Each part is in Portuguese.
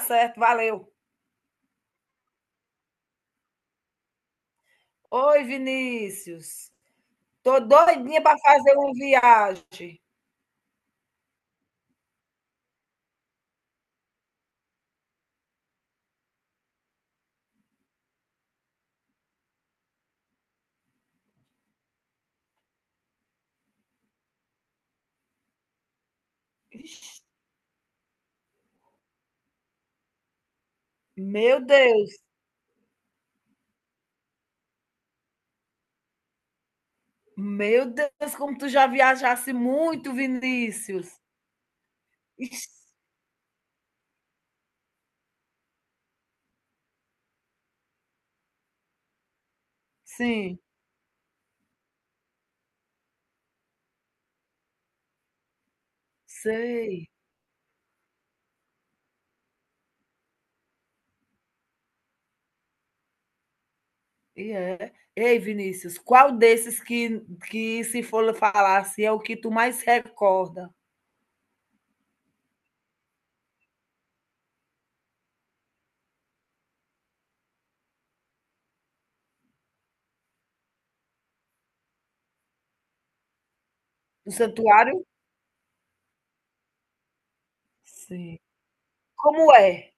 Certo, valeu. Oi, Vinícius. Tô doidinha para fazer uma viagem. Meu Deus, meu Deus, como tu já viajasse muito, Vinícius. Ixi. Sim. Sei. E é. Ei, Vinícius, qual desses que se for falar assim, é o que tu mais recorda? Do santuário? Sim. Como é?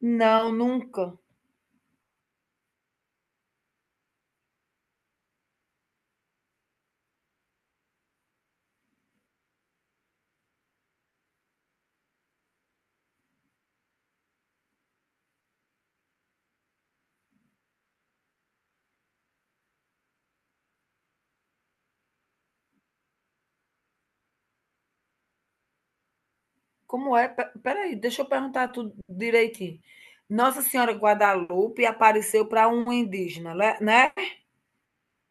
Não, nunca. Como é? Pe- Peraí, deixa eu perguntar tudo direitinho. Nossa Senhora Guadalupe apareceu para um indígena, né?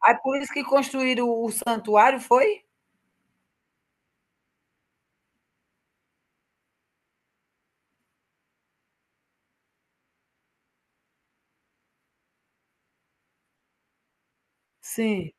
Aí por isso que construíram o santuário, foi? Sim.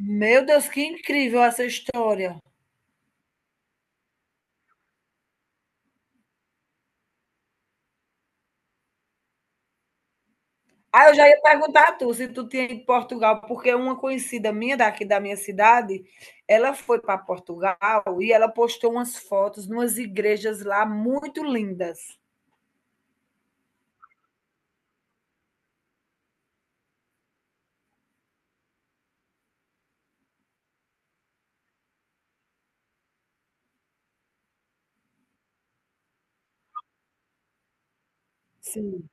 Meu Deus, que incrível essa história. Ah, eu já ia perguntar a tu se tu tinha ido para Portugal, porque uma conhecida minha daqui da minha cidade, ela foi para Portugal e ela postou umas fotos de umas igrejas lá muito lindas. Sim.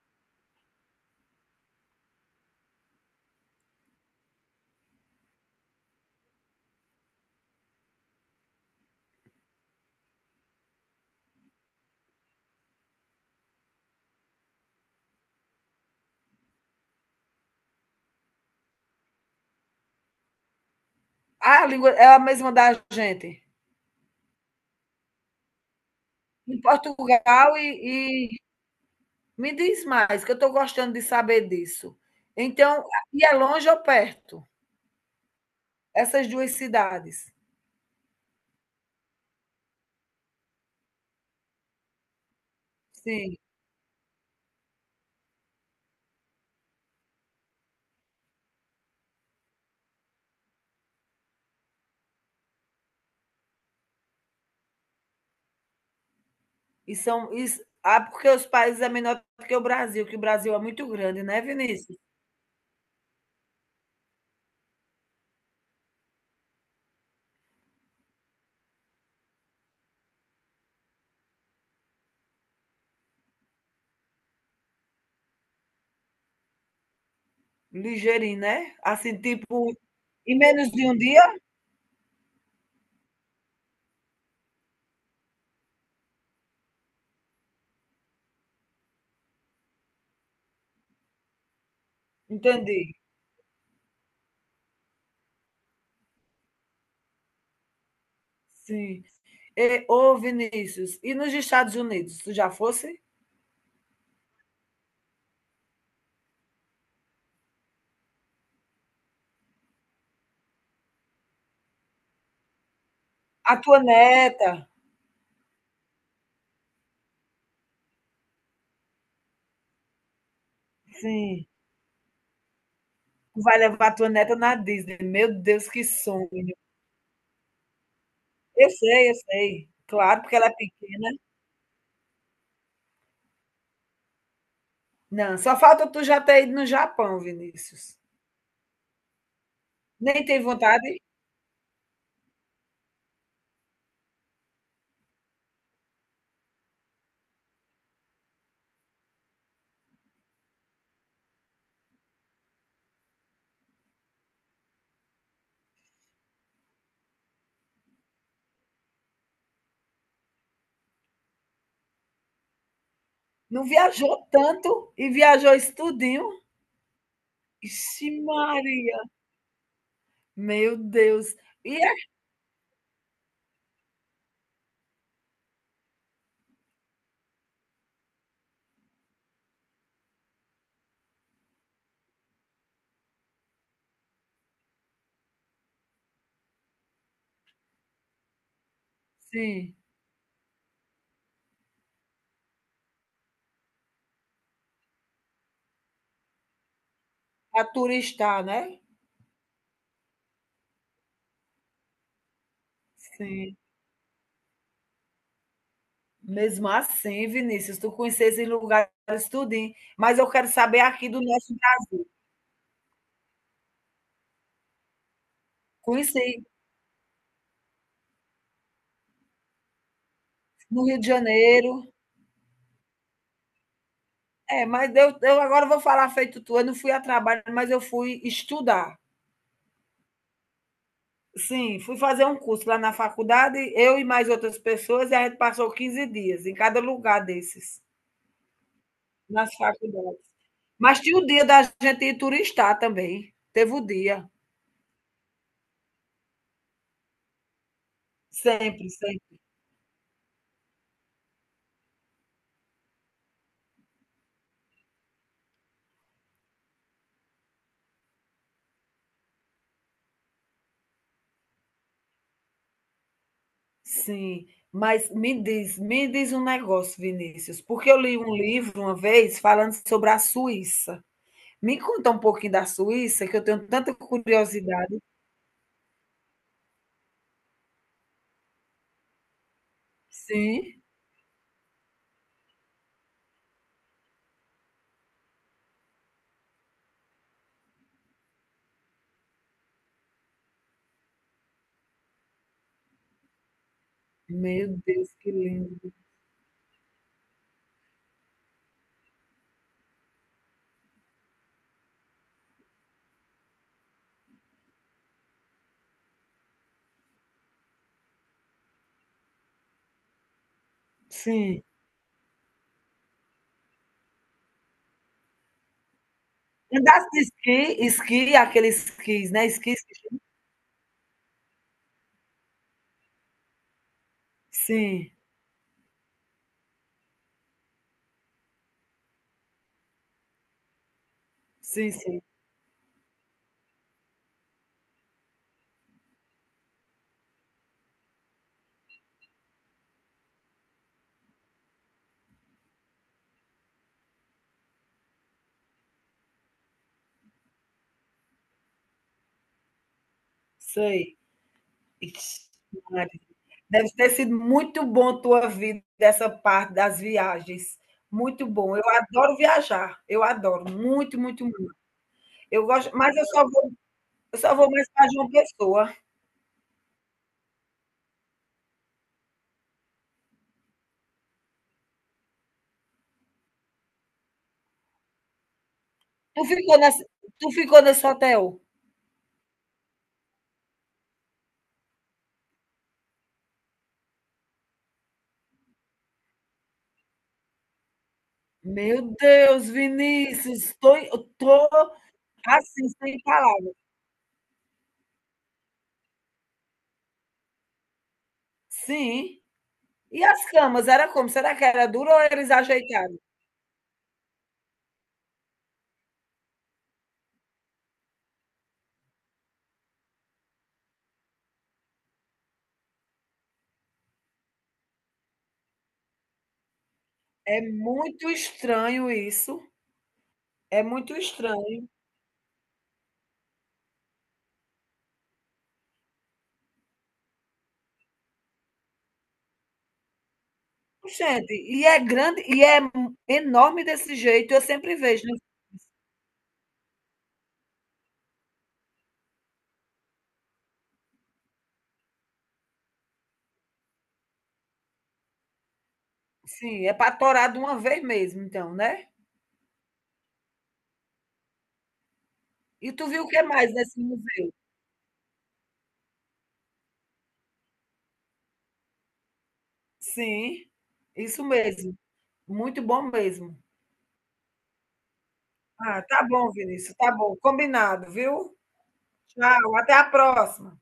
Ah, a língua é a mesma da gente. Em Portugal e me diz mais, que eu estou gostando de saber disso. Então, e é longe ou perto? Essas duas cidades. Sim. E são. E, ah, porque os países é menor do que o Brasil é muito grande, né, Vinícius? Ligeirinho, né? Assim, tipo, em menos de um dia? Entendi. Sim. E, ô, Vinícius, e nos Estados Unidos, tu já fosse? A tua neta? Sim. Vai levar tua neta na Disney. Meu Deus, que sonho. Eu sei, eu sei. Claro, porque ela é pequena. Não, só falta tu já ter ido no Japão, Vinícius. Nem tem vontade? Não viajou tanto e viajou isso tudinho. Ixi, Maria. Meu Deus. E é assim, a turistar, né? Sim. Mesmo assim, Vinícius, tu conheces esses lugares tudinho. Mas eu quero saber aqui do nosso... Conheci no Rio de Janeiro. É, mas eu agora vou falar feito tu. Eu não fui a trabalho, mas eu fui estudar. Sim, fui fazer um curso lá na faculdade, eu e mais outras pessoas, e a gente passou 15 dias em cada lugar desses, nas faculdades. Mas tinha o dia da gente ir turistar também. Teve o dia. Sempre, sempre. Sim. Mas me diz um negócio, Vinícius, porque eu li um livro uma vez falando sobre a Suíça. Me conta um pouquinho da Suíça, que eu tenho tanta curiosidade. Sim. Meu Deus, que lindo. Sim. Andasse de esqui, aqueles esquis, né, esquis. Sim, sim, sim, sei. Ixi, Maria. Deve ter sido muito bom tua vida, essa parte das viagens, muito bom. Eu adoro viajar, eu adoro, muito, muito, muito. Eu gosto mas eu só vou mais pra João Pessoa. Tu ficou nesse Tu ficou nesse hotel? Meu Deus, Vinícius, tô, assim, sem palavras. Sim. E as camas, era como? Será que era dura ou eles ajeitaram? É muito estranho isso. É muito estranho. Gente, e é grande, e é enorme desse jeito, eu sempre vejo, né? Sim, é para torar de uma vez mesmo, então, né? E tu viu o que mais nesse museu? Sim, isso mesmo. Muito bom mesmo. Ah, tá bom, Vinícius, tá bom. Combinado, viu? Tchau, até a próxima.